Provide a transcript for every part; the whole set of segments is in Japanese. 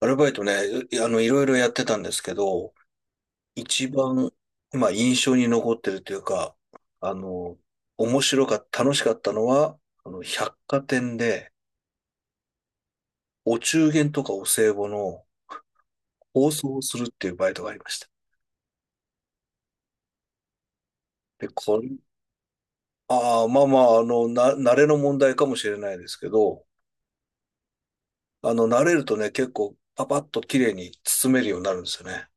アルバイトね、いあの、いろいろやってたんですけど、一番、まあ、印象に残ってるというか、あの、面白かった、楽しかったのは、百貨店で、お中元とかお歳暮の包装をするっていうバイトがありました。で、これ、ああ、まあまあ、慣れの問題かもしれないですけど、慣れるとね、結構、パパッと綺麗に包めるようになるんですよね。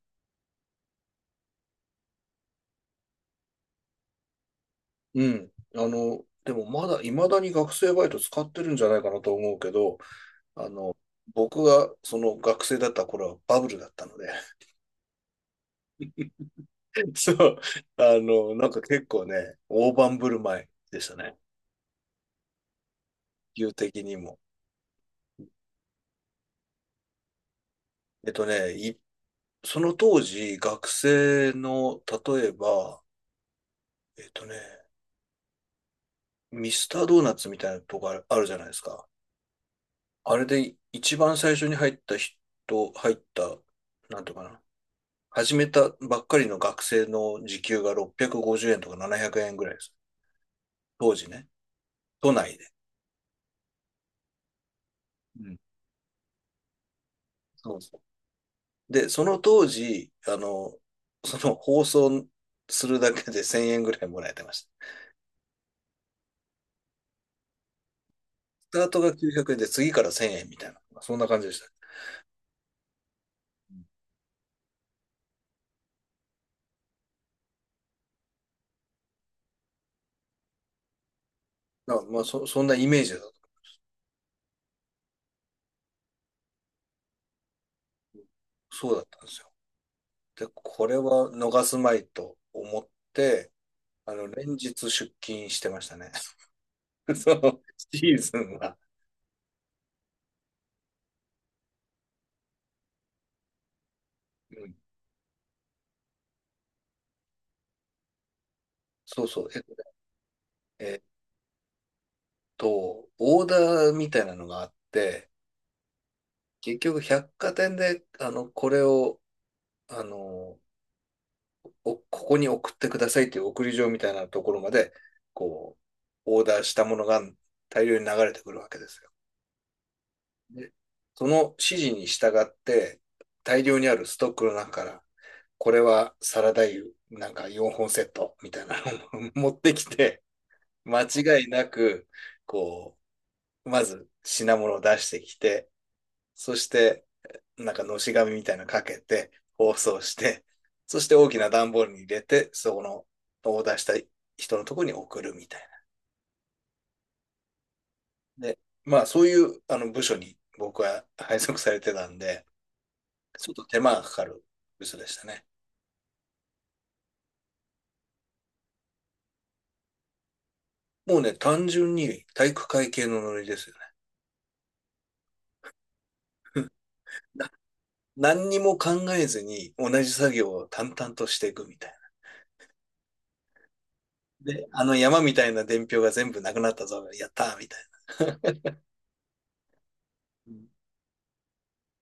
うん。でもまだ、未だに学生バイト使ってるんじゃないかなと思うけど、あの、僕がその学生だった頃はバブルだったので、そう、なんか結構ね、大盤振る舞いでしたね、理的にも。えっとね、いその当時、学生の、例えば、えっとね、ミスタードーナツみたいなとこあるあるじゃないですか。あれで一番最初に入った人、入った、なんていうかな、始めたばっかりの学生の時給が650円とか700円ぐらいです。当時ね、都内で。うん、そう。で、その当時、その放送するだけで1000円ぐらいもらえてました。スタートが900円で次から1000円みたいな、そんな感じでした。だからまあ、そんなイメージだと。そうだったんですよ。で、これは逃すまいと思って、連日出勤してましたね。そのシーズンは。うん、そうそう。えっとねえっと、オーダーみたいなのがあって、結局百貨店で、これを、あの、ここに送ってくださいという送り状みたいなところまで、こう、オーダーしたものが大量に流れてくるわけですよ。で、その指示に従って、大量にあるストックの中から、これはサラダ油、なんか4本セットみたいなのを 持ってきて、間違いなく、こう、まず品物を出してきて、そしてなんかのし紙みたいなのかけて、包装して、そして大きな段ボールに入れて、そこのオーダーした人のところに送るみたいな。で、まあそういうあの部署に僕は 配属されてたんで、ちょっと手間がかかる部署でしたね。もうね、単純に体育会系のノリですよね。何にも考えずに同じ作業を淡々としていくみたいな。で、あの山みたいな伝票が全部なくなったぞ、やったーみたいな。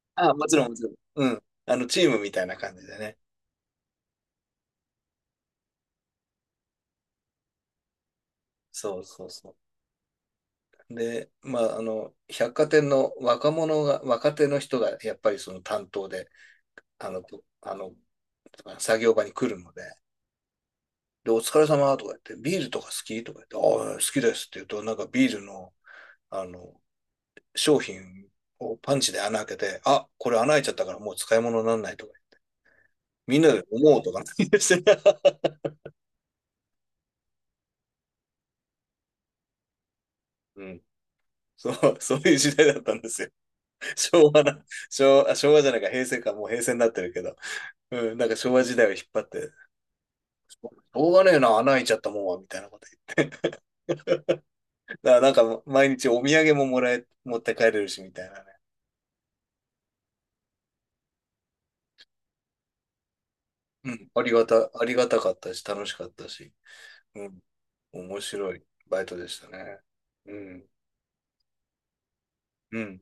あ、もちろんもちろん。うん。あのチームみたいな感じでね。そうそうそう。で、まあ、百貨店の若者が、若手の人がやっぱりその担当で、あの、こあの、作業場に来るので、で、お疲れ様とか言って、ビールとか好きとか言って、ああ、好きですって言うと、なんかビールの、あの、商品をパンチで穴開けて、あ、これ穴開いちゃったからもう使い物にならないとか、みんなで思うとかなんですよ うん。そう、そういう時代だったんですよ。昭和な、昭和、あ昭和じゃないか、平成か、もう平成になってるけど。うん、なんか昭和時代を引っ張って、しょうがねえな、穴開いちゃったもんは、みたいなこと言って。だからなんか毎日お土産ももらえ、持って帰れるし、みたいなね。うん、ありがたかったし、楽しかったし、うん、面白いバイトでしたね。うん、うん。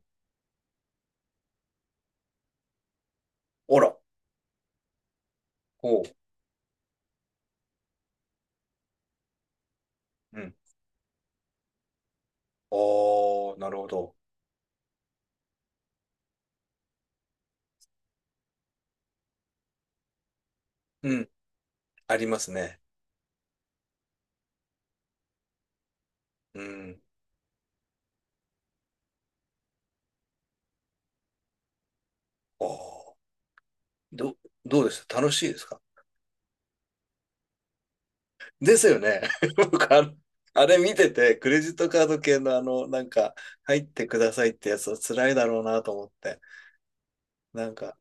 あら、おう、うん。ああ、なるほど。うん、ありますね。うん。ああ、ど、どうでした、楽しいですか？ですよね。僕あれ見てて、クレジットカード系の入ってくださいってやつは辛いだろうなと思って。なんか、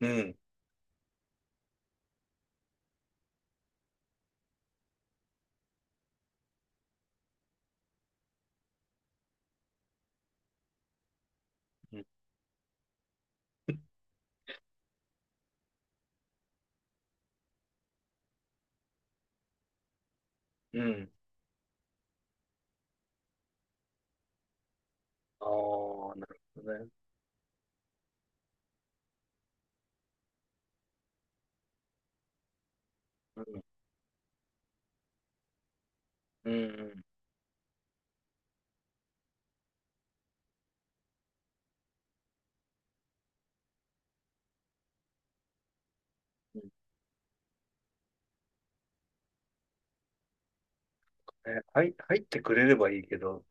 うん、うん、うん。ああ、なるほどね。うん、うん、うんうん。え、入ってくれればいいけど、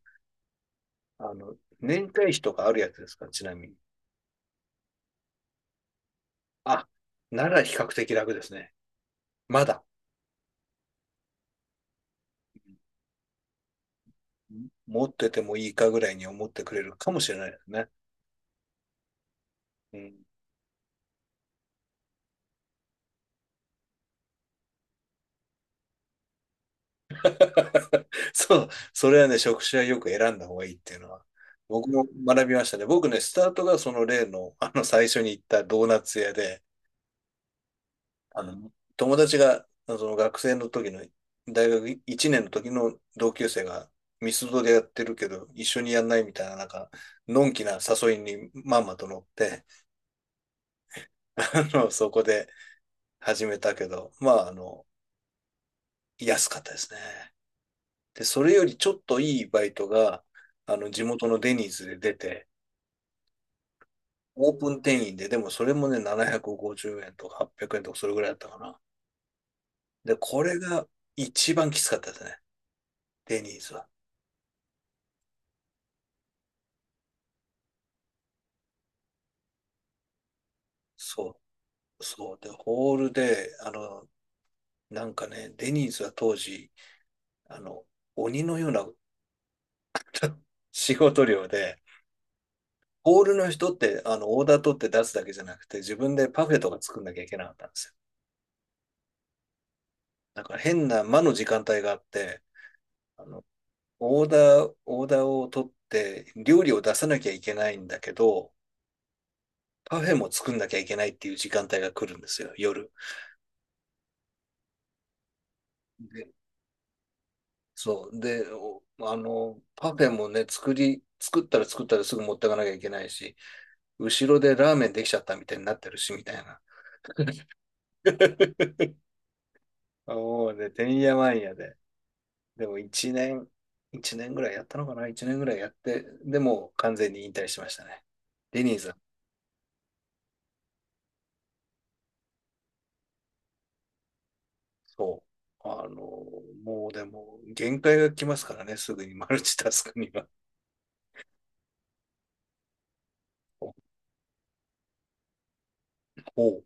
年会費とかあるやつですか、ちなみに。あ、なら比較的楽ですね。まだ、うん、持っててもいいかぐらいに思ってくれるかもしれないですね。うん。 そう、それはね、職種はよく選んだ方がいいっていうのは、僕も学びましたね。僕ね、スタートがその例の、最初に行ったドーナツ屋で、あの、友達が、その学生の時の、大学1年の時の同級生が、ミスドでやってるけど、一緒にやんないみたいな、なんか、のんきな誘いにまんまと乗って、そこで始めたけど、まあ、安かったですね。で、それよりちょっといいバイトが、地元のデニーズで出て、オープン店員で、でもそれもね、750円とか800円とかそれぐらいだったかな。で、これが一番きつかったですね。デニーズは。そう、そう。で、ホールで、なんかね、デニーズは当時、あの、鬼のような 仕事量で、ホールの人って、オーダー取って出すだけじゃなくて、自分でパフェとか作んなきゃいけなかったんですよ。だから変な間の時間帯があって、あの、オーダーを取って、料理を出さなきゃいけないんだけど、パフェも作んなきゃいけないっていう時間帯が来るんですよ、夜。で、そう。で、パフェもね、作ったらすぐ持ってかなきゃいけないし、後ろでラーメンできちゃったみたいになってるし、みたいな。もうね、てんやわんやで。でも1年、1年ぐらいやったのかな、一年ぐらいやって、でも完全に引退しましたね。デニーズは、そう。もうでも、限界が来ますからね、すぐにマルチタスクには。おお。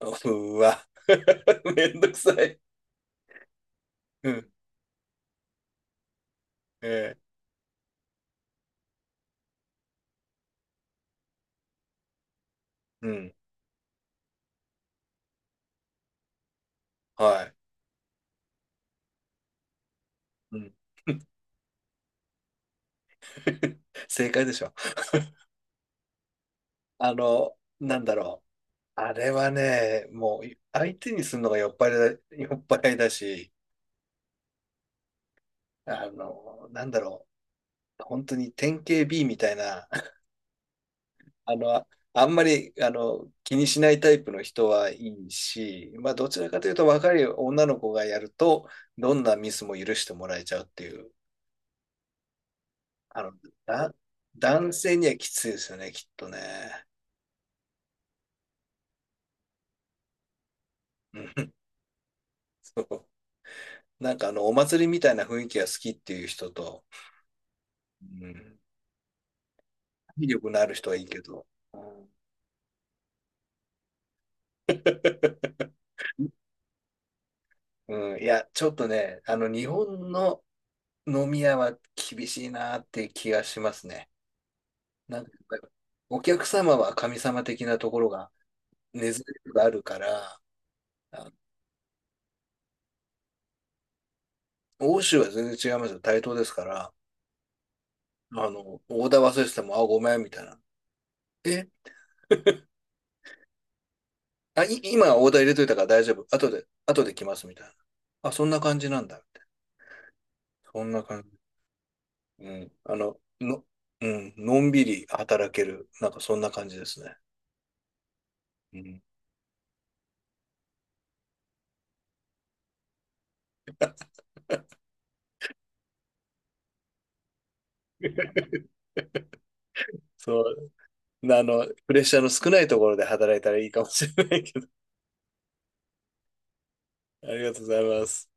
うわ。めんどくさい。うん。えー、うん。はい。うん。正解でしょ。なんだろう。あれはね、もう相手にするのが酔っ払いだし、なんだろう。本当に典型 B みたいな、あの、ああんまり、気にしないタイプの人はいいし、まあ、どちらかというと若い女の子がやると、どんなミスも許してもらえちゃうっていうあの、だ、男性にはきついですよね、きっとね。うん、そう。なんかお祭りみたいな雰囲気が好きっていう人と、うん、体力のある人はいいけど、うん、いや、ちょっとね、日本の飲み屋は厳しいなって気がしますね。なんか、お客様は神様的なところが根強くあるから、あ、欧州は全然違いますよ。対等ですから、あの、オーダー忘れてても、あ、ごめん、みたいな。え、今オーダー入れといたから大丈夫。後で来ますみたいな。あ、そんな感じなんだ。みたいな、そんな感じ。うん。うん。のんびり働ける。なんかそんな感じですね。うん。そう。プレッシャーの少ないところで働いたらいいかもしれないけど。ありがとうございます。